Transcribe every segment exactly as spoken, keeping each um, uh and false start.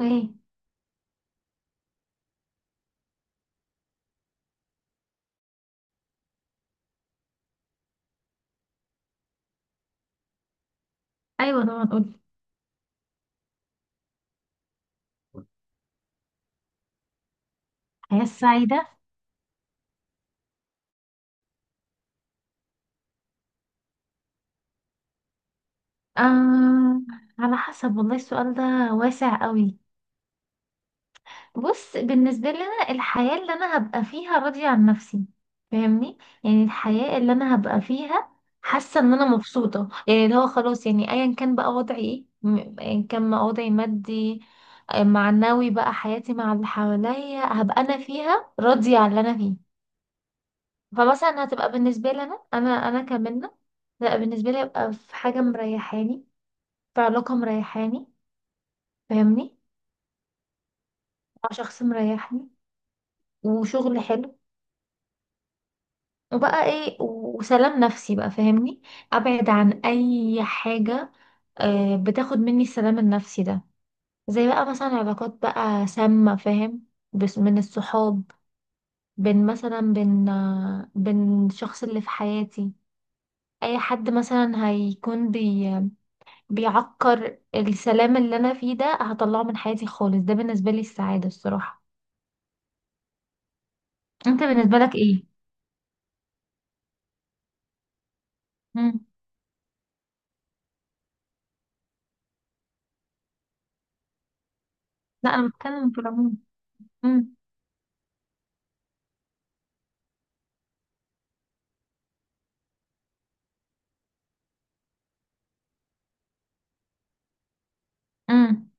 ايه. ايوه طبعا، قولي. الحياة السعيدة؟ آه، على حسب والله. السؤال ده واسع قوي. بص، بالنسبة لي انا الحياة اللي انا هبقى فيها راضية عن نفسي، فاهمني؟ يعني الحياة اللي انا هبقى فيها حاسة ان انا مبسوطة، يعني اللي هو خلاص يعني ايا كان بقى وضعي ايه، م- ايا كان ما وضعي مادي، آه، معنوي، بقى حياتي مع اللي حواليا هبقى انا فيها راضية عن اللي انا فيه. فمثلا هتبقى بالنسبة لي أنا أنا أنا كمنة. لا، بالنسبة لي هيبقى في حاجة مريحاني، في علاقة مريحاني، فاهمني؟ مع شخص مريحني، وشغل حلو، وبقى ايه، وسلام نفسي بقى، فاهمني؟ أبعد عن أي حاجة آه، بتاخد مني السلام النفسي ده، زي بقى مثلا علاقات بقى سامة، فاهم؟ بس من الصحاب، بين مثلا بين آه، بين الشخص اللي في حياتي، اي حد مثلا هيكون بي بيعكر السلام اللي انا فيه ده هطلعه من حياتي خالص. ده بالنسبه لي السعاده، الصراحه. انت بالنسبه لك ايه؟ مم. لا انا بتكلم في العموم. مم. مم.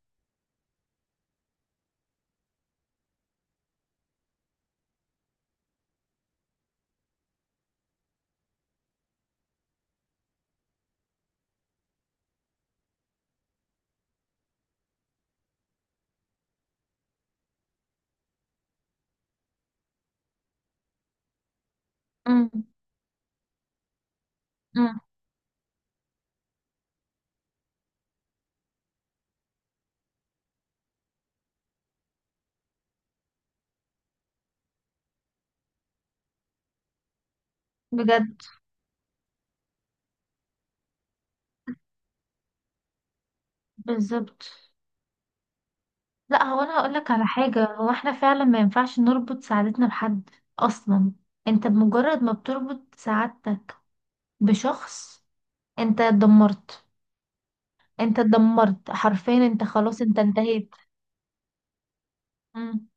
مم. مم. بجد؟ بالظبط. لا، هو انا هقول لك على حاجه، هو احنا فعلا ما ينفعش نربط سعادتنا بحد اصلا. انت بمجرد ما بتربط سعادتك بشخص انت اتدمرت. انت اتدمرت حرفيا، انت خلاص، انت انتهيت. مم.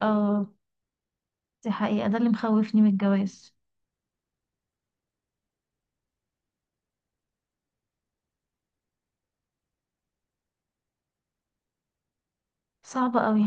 اه، دي حقيقه، ده اللي مخوفني من الجواز. صعبة قوي.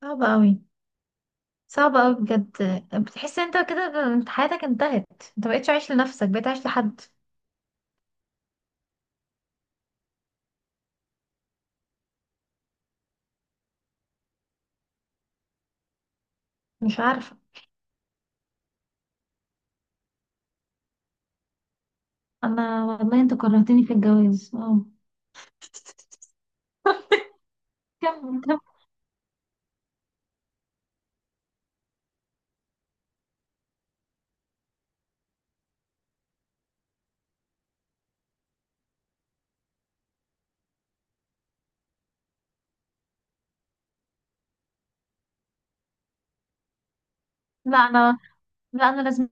صعبة قوي. صعبة قوي بجد. بتحس انت كده انت حياتك انتهت، انت مبقتش عايش لنفسك، بقيت عايش لحد. مش عارفة. انا والله انت كرهتني في الجواز، اه. كمل كمل. لا انا، لا انا لازمتي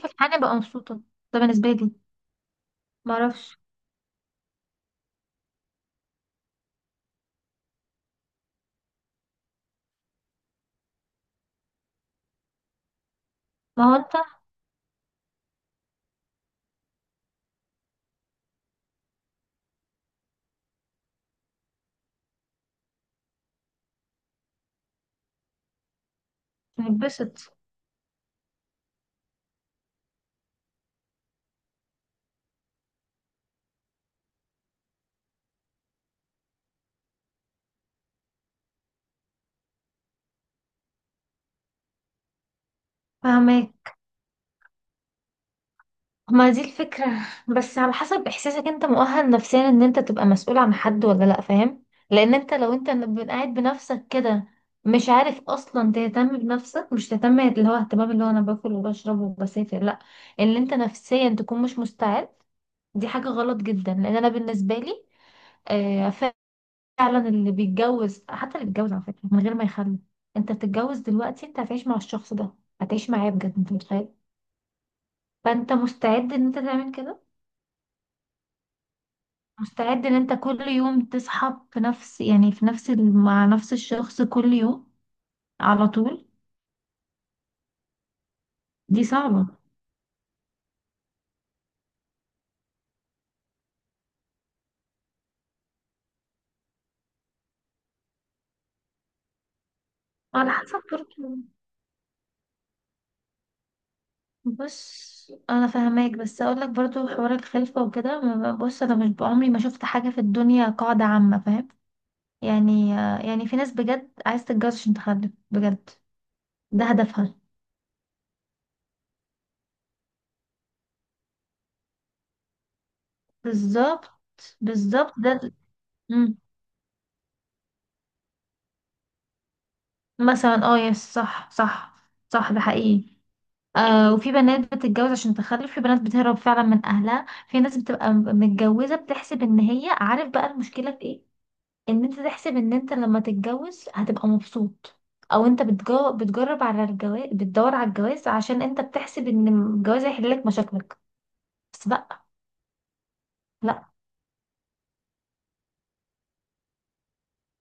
في الحياة ابقى مبسوطة. ده بالنسبة لي. معرفش. ما هو انت هتبسط؟ فاهمك. ما دي الفكرة. بس على حسب احساسك، انت مؤهل نفسيا ان انت تبقى مسؤول عن حد ولا لا، فاهم؟ لان انت لو انت ب- قاعد بنفسك كده مش عارف اصلا تهتم بنفسك، مش تهتم اللي هو اهتمام اللي هو انا باكل وبشرب وبسافر، لا، اللي انت نفسيا تكون مش مستعد، دي حاجة غلط جدا. لان انا بالنسبة لي، آه، فعلا اللي بيتجوز، حتى اللي بيتجوز على فكرة من غير ما يخلف، انت بتتجوز دلوقتي انت هتعيش مع الشخص ده، هتعيش معاه بجد، انت متخيل؟ فانت مستعد ان انت تعمل كده؟ مستعد ان انت كل يوم تصحى في نفس، يعني في نفس ال- مع نفس الشخص كل يوم على طول؟ دي صعبة. على حسب برضه. بص انا فاهماك، بس اقول لك برضه حوار الخلفة وكده ما- بص، انا مش، بعمري ما شفت حاجة في الدنيا قاعدة عامة، فاهم؟ يعني، يعني في ناس بجد عايز تتجوز عشان تخلف بجد، ده هدفها. بالظبط. بالظبط ده. مم. مثلا اه، يس، صح صح. صح، ده حقيقي. آه، وفي بنات بتتجوز عشان تخلف، في بنات بتهرب فعلا من اهلها، في ناس بتبقى م- متجوزه بتحسب ان هي، عارف بقى المشكله في ايه؟ ان انت تحسب ان انت لما تتجوز هتبقى مبسوط. او انت بتجو... بتجرب على الجواز، بتدور على الجواز عشان انت بتحسب ان الجواز هيحل لك مشاكلك. بس بقى. لا،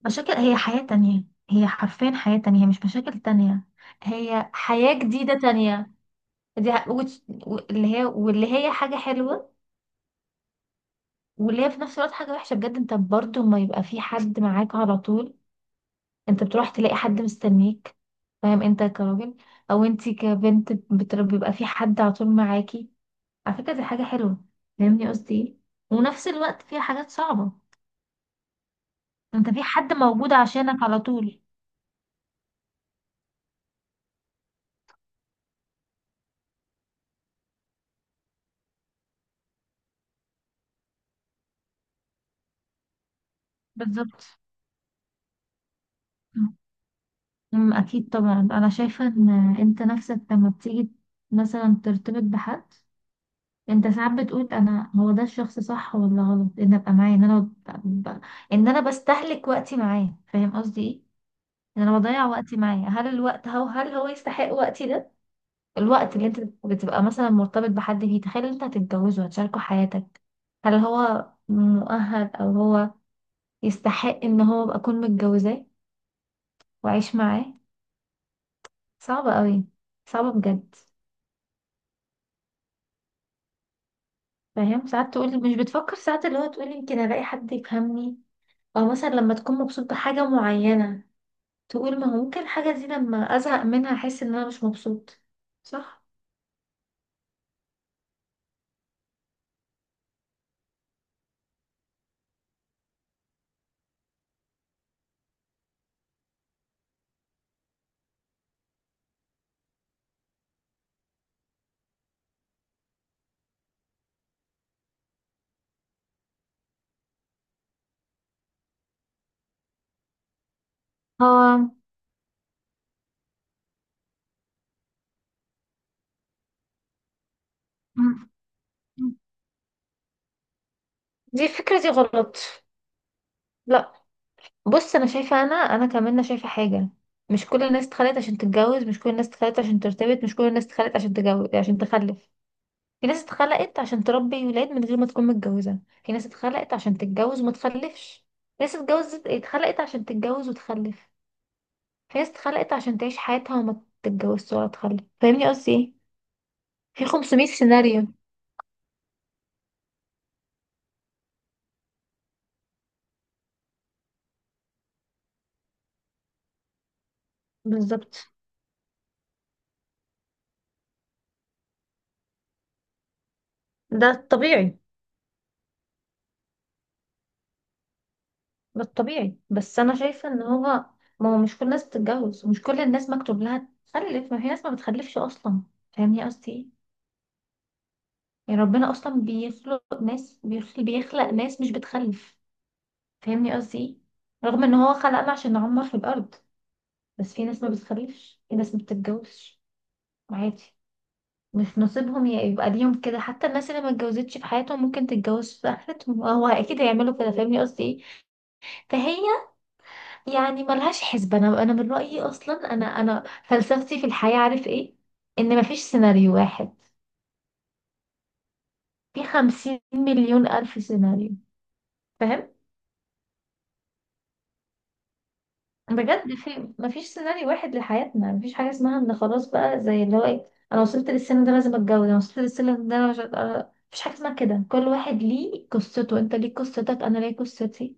مشاكل، هي حياه تانية. هي حرفيا حياه تانية، مش مشاكل تانية. هي حياه جديده تانية. دي ح- وت- و- اللي هي واللي هي حاجه حلوه، واللي هي في نفس الوقت حاجة وحشة بجد. انت برضو ما يبقى في حد معاك على طول، انت بتروح تلاقي حد مستنيك، فاهم؟ انت كراجل، او انت كبنت بتر- بيبقى في حد على طول معاكي. على فكرة دي حاجة حلوة، فاهمني قصدي ايه؟ ونفس الوقت فيها حاجات صعبة. انت في حد موجود عشانك على طول. بالظبط. أمم، اكيد طبعا، انا شايفة ان انت نفسك لما بتيجي مثلا ترتبط بحد، انت ساعات بتقول انا هو ده الشخص، صح ولا غلط ان ابقى معاه، ان انا ب... ب... ان انا بستهلك وقتي معاه، فاهم قصدي ايه؟ ان انا بضيع وقتي معاه، هل الوقت هو، هل هو يستحق وقتي ده؟ الوقت اللي انت بتبقى مثلا مرتبط بحد فيه، تخيل انت هتتجوزه، هتشاركه حياتك. هل هو مؤهل او هو يستحق ان هو ابقى اكون متجوزاه واعيش معاه؟ صعبة قوي. صعبة بجد. فاهم ساعات تقول، مش بتفكر ساعات اللي هو تقول يمكن الاقي حد يفهمني؟ او مثلا لما تكون مبسوط بحاجة معينة تقول، ما هو ممكن الحاجة دي لما ازهق منها احس ان انا مش مبسوط؟ صح. اه. مم. دي الفكرة دي غلط. لا، بص انا شايفة، انا انا كمان أنا شايفة حاجة، مش كل الناس اتخلقت عشان تتجوز، مش كل الناس اتخلقت عشان ترتبط، مش كل الناس اتخلقت عشان تجوز عشان تخلف. في ناس اتخلقت عشان تربي ولاد من غير ما تكون متجوزة، في ناس اتخلقت عشان تتجوز وما تخلفش، في ناس اتجوزت، اتخلقت عشان تتجوز وتخلف، في ناس اتخلقت عشان تعيش حياتها وما تتجوزش ولا تخلف. فاهمني قصدي ايه؟ في خمسمية سيناريو. بالظبط. ده الطبيعي. ده الطبيعي، بس انا شايفه ان هو، ما هو مش كل الناس بتتجوز، ومش كل الناس مكتوب لها تخلف، ما في ناس ما بتخلفش اصلا، فاهمني قصدي ايه؟ يعني ربنا اصلا بيخلق ناس، بيخلق, بيخلق ناس مش بتخلف، فاهمني قصدي ايه؟ رغم ان هو خلقنا عشان نعمر في الارض، بس في ناس ما بتخلفش، في ناس ما بتتجوزش، عادي، مش نصيبهم. يا- يبقى ليهم كده. حتى الناس اللي ما اتجوزتش في حياتهم ممكن تتجوز في اخرتهم، آه، هو اكيد هيعملوا كده، فاهمني قصدي ايه؟ فهي يعني ملهاش حسبة. انا، انا من رأيي اصلا، انا انا فلسفتي في الحياة عارف ايه؟ ان مفيش سيناريو واحد، في خمسين مليون الف سيناريو، فاهم؟ بجد، في، مفيش سيناريو واحد لحياتنا. مفيش حاجة اسمها ان خلاص بقى زي اللي هو ايه، انا وصلت للسن ده لازم اتجوز، انا وصلت للسن ده انا مش هت- مفيش حاجة اسمها كده. كل واحد ليه قصته، انت ليك قصتك، انا ليا قصتي.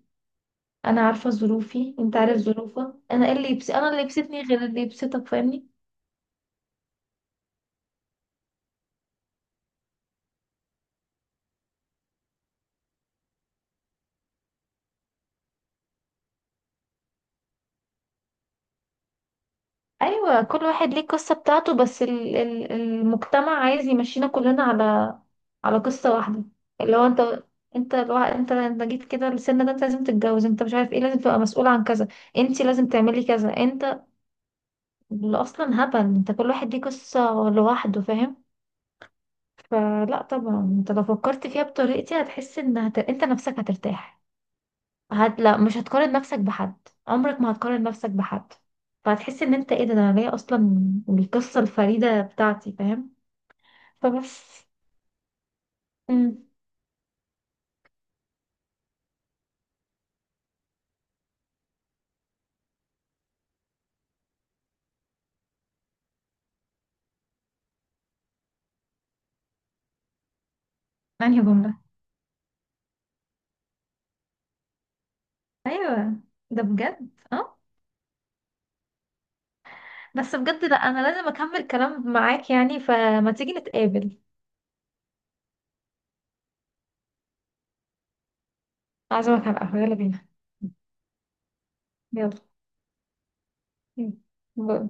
انا عارفه ظروفي، انت عارف ظروفك، انا ايه اللي يبس... انا اللي يبسطني غير اللي يبسطك، فاهمني؟ ايوه كل واحد ليه القصه بتاعته، بس ال... ال... المجتمع عايز يمشينا كلنا على على قصه واحده. اللي هو انت، انت الوا... انت انت جيت كده السن ده انت لازم تتجوز، انت مش عارف ايه، لازم تبقى مسؤول عن كذا، انت لازم تعملي كذا، انت اللي اصلا هبل. انت كل واحد ليه قصه لوحده، فاهم؟ فلا طبعا، انت لو فكرت فيها بطريقتي هتحس ان هت... انت نفسك هترتاح. هت لا مش هتقارن نفسك بحد، عمرك ما هتقارن نفسك بحد. فهتحس ان انت ايه ده، ده انا جايه اصلا القصه الفريده بتاعتي، فاهم؟ فبس. امم. انهي جمله؟ ايوه. ده بجد اه. بس بجد، لا انا لازم اكمل كلام معاك يعني، فما تيجي نتقابل. اعزمك على القهوه، يلا بينا. يلا. مم. باي.